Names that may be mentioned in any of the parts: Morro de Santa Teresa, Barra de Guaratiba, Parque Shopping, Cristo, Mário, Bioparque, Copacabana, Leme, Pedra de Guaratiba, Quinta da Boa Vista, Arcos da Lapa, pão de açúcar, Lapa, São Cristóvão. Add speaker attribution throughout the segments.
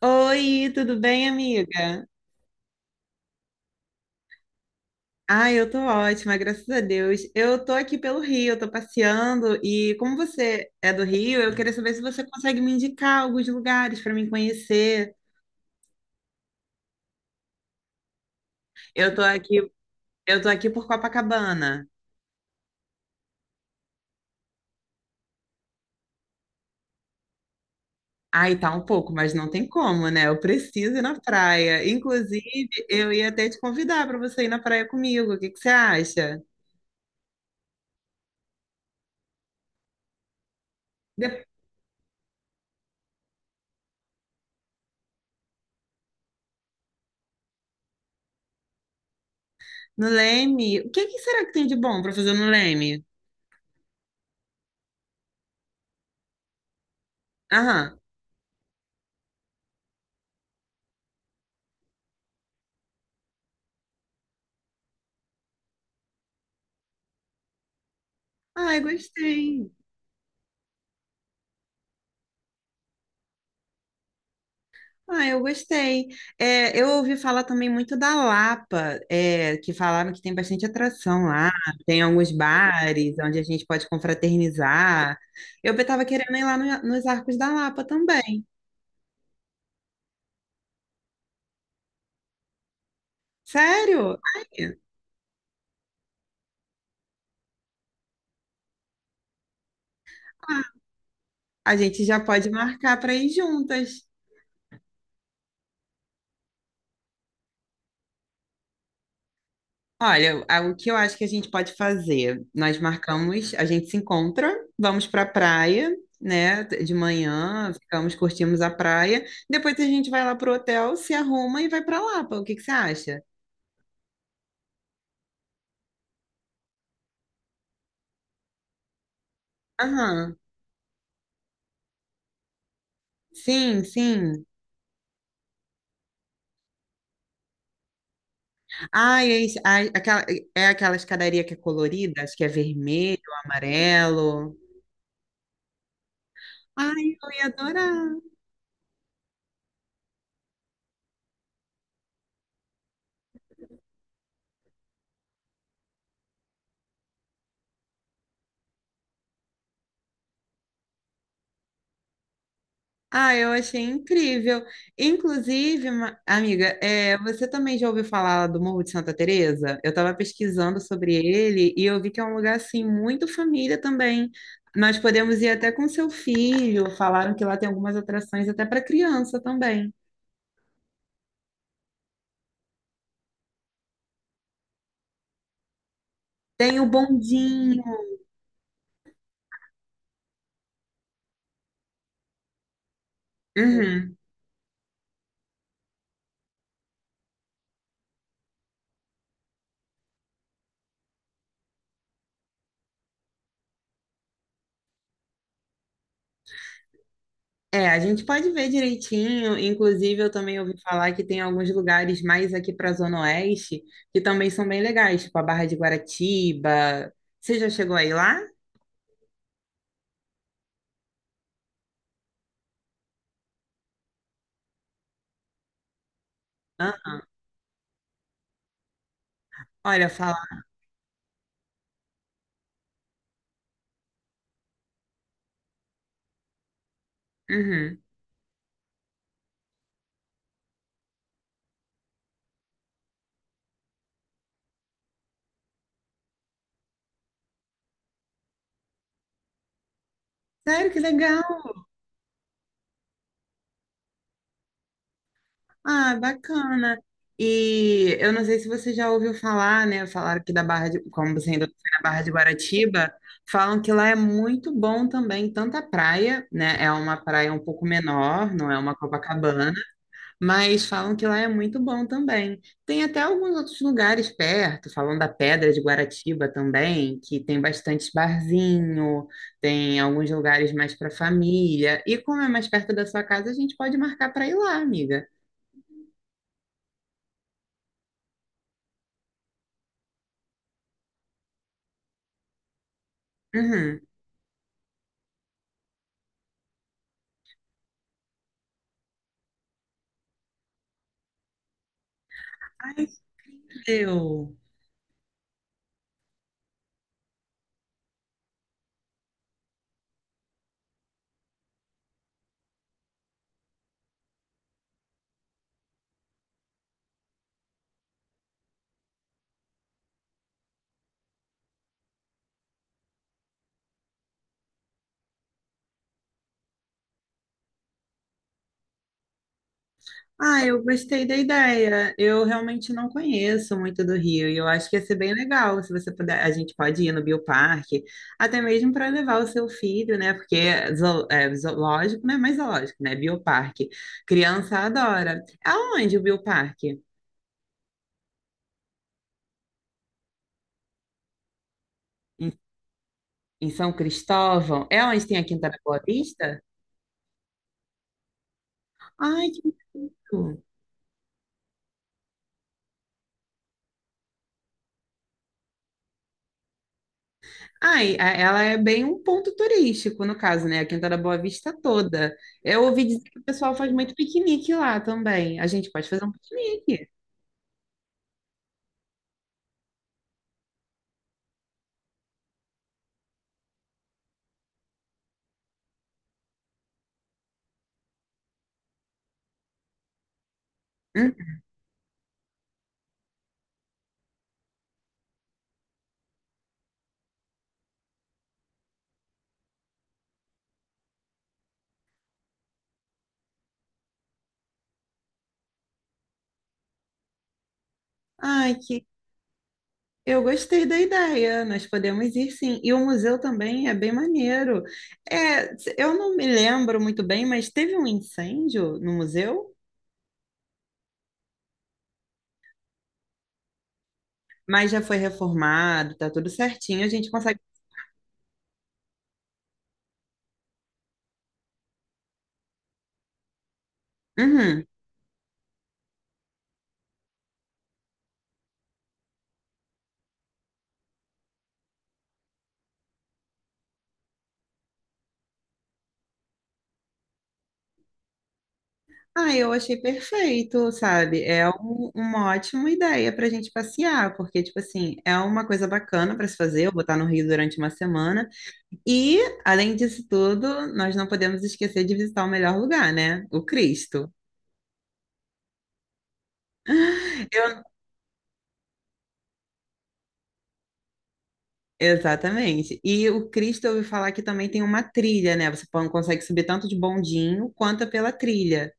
Speaker 1: Oi, tudo bem, amiga? Ah, eu tô ótima, graças a Deus. Eu tô aqui pelo Rio, eu tô passeando e como você é do Rio, eu queria saber se você consegue me indicar alguns lugares para me conhecer. Eu tô aqui, eu tô aqui por Copacabana. Ai, tá um pouco, mas não tem como, né? Eu preciso ir na praia. Inclusive, eu ia até te convidar para você ir na praia comigo. O que que você acha? De- No Leme, o que que será que tem de bom para fazer no Leme? Aham. Ai, gostei. Ah, eu gostei. É, eu ouvi falar também muito da Lapa, é, que falaram que tem bastante atração lá, tem alguns bares onde a gente pode confraternizar. Eu estava querendo ir lá nos Arcos da Lapa também. Sério? Ah, a gente já pode marcar para ir juntas. Olha, o que eu acho que a gente pode fazer? Nós marcamos, a gente se encontra, vamos para a praia, né? De manhã, ficamos, curtimos a praia. Depois a gente vai lá pro hotel, se arruma e vai para Lapa. O que que você acha? Aham. Sim, sim. Ah, é, isso- ah, aquela, É aquela escadaria que é colorida, acho que é vermelho, amarelo. Ai, eu ia adorar. Ah, eu achei incrível. Inclusive, amiga, é, você também já ouviu falar do Morro de Santa Teresa? Eu estava pesquisando sobre ele e eu vi que é um lugar assim muito família também. Nós podemos ir até com seu filho. Falaram que lá tem algumas atrações até para criança também. Tem o bondinho. Uhum. É, a gente pode ver direitinho. Inclusive, eu também ouvi falar que tem alguns lugares mais aqui para a Zona Oeste que também são bem legais, tipo a Barra de Guaratiba. Você já chegou aí lá? Hã? Olha, falar. Uhum. Sério, que legal! Ah, bacana. E eu não sei se você já ouviu falar, né? Falaram que da Barra de, como você ainda não foi na Barra de Guaratiba, falam que lá é muito bom também, tanto a praia, né? É uma praia um pouco menor, não é uma Copacabana. Mas falam que lá é muito bom também. Tem até alguns outros lugares perto, falam da Pedra de Guaratiba também, que tem bastante barzinho, tem alguns lugares mais para família. E como é mais perto da sua casa, a gente pode marcar para ir lá, amiga. Uhum. Ai, que incrível! Ah, eu gostei da ideia. Eu realmente não conheço muito do Rio e eu acho que ia ser bem legal se você puder. A gente pode ir no Bioparque, até mesmo para levar o seu filho, né? Porque é é zoológico, né? Mais zoológico, né? Bioparque. Criança adora. É. Aonde o Bioparque? Em, em São Cristóvão? É onde tem a Quinta da Boa Vista? Ai, que lindo! Ah, e ela é bem um ponto turístico, no caso, né? A Quinta da Boa Vista toda. Eu ouvi dizer que o pessoal faz muito piquenique lá também. A gente pode fazer um piquenique. Hum? Ai, que Eu gostei da ideia. Nós podemos ir sim. E o museu também é bem maneiro. É, eu não me lembro muito bem, mas teve um incêndio no museu, mas já foi reformado, tá tudo certinho. A gente consegue. Uhum. Ah, eu achei perfeito, sabe? É uma ótima ideia pra gente passear, porque, tipo assim, é uma coisa bacana pra se fazer. Eu vou estar no Rio durante uma semana. E, além disso tudo, nós não podemos esquecer de visitar o melhor lugar, né? O Cristo. Eu- Exatamente. E o Cristo, eu ouvi falar que também tem uma trilha, né? Você consegue subir tanto de bondinho quanto pela trilha.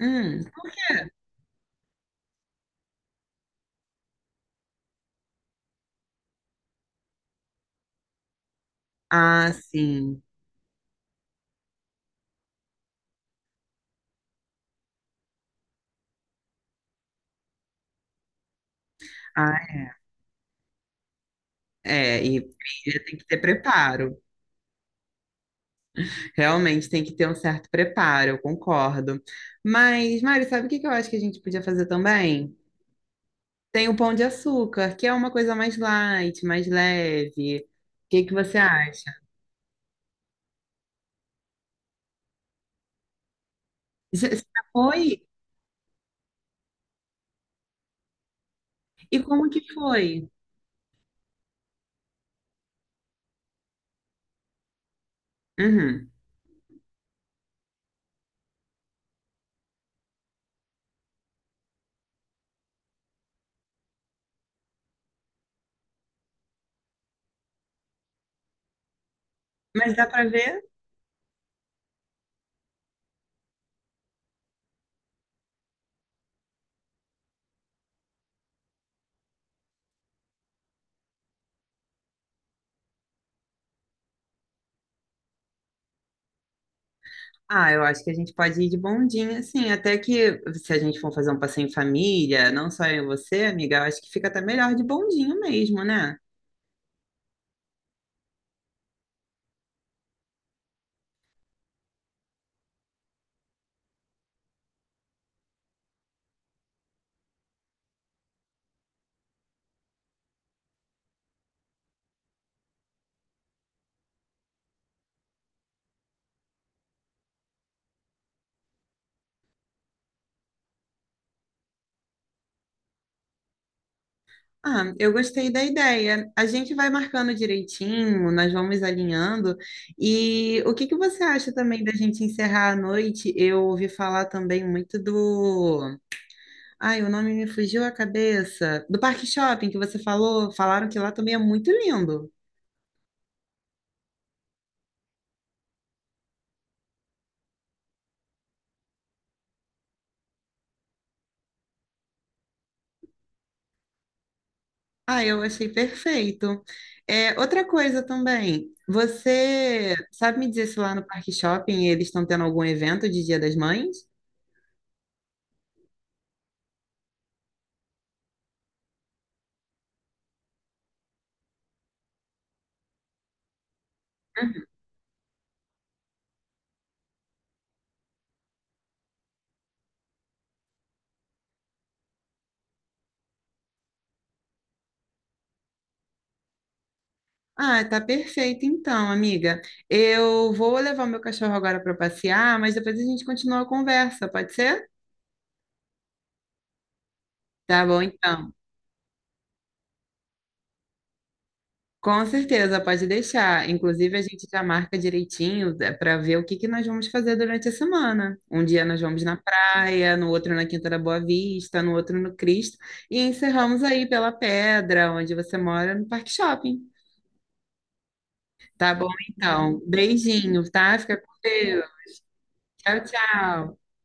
Speaker 1: Hum. Ah, sim. Ah, é. E trilha tem que ter preparo. Realmente tem que ter um certo preparo, eu concordo. Mas, Mário, sabe o que que eu acho que a gente podia fazer também? Tem o pão de açúcar, que é uma coisa mais light, mais leve. O que que você acha? Já já foi? E como que foi? Uhum. Mas dá para ver? Ah, eu acho que a gente pode ir de bondinho, assim, até que se a gente for fazer um passeio em família, não só eu e você, amiga, eu acho que fica até melhor de bondinho mesmo, né? Ah, eu gostei da ideia. A gente vai marcando direitinho, nós vamos alinhando. E o que que você acha também da gente encerrar a noite? Eu ouvi falar também muito do. Ai, o nome me fugiu a cabeça. Do Parque Shopping que você falou. Falaram que lá também é muito lindo. Ah, eu achei perfeito. É, outra coisa também. Você sabe me dizer se lá no Parque Shopping eles estão tendo algum evento de Dia das Mães? Ah, tá perfeito então, amiga. Eu vou levar o meu cachorro agora para passear, mas depois a gente continua a conversa, pode ser? Tá bom, então. Com certeza, pode deixar. Inclusive, a gente já marca direitinho para ver o que que nós vamos fazer durante a semana. Um dia nós vamos na praia, no outro na Quinta da Boa Vista, no outro no Cristo, e encerramos aí pela Pedra, onde você mora, no Parque Shopping. Tá bom, então. Beijinho, tá? Fica com Deus. Tchau, tchau.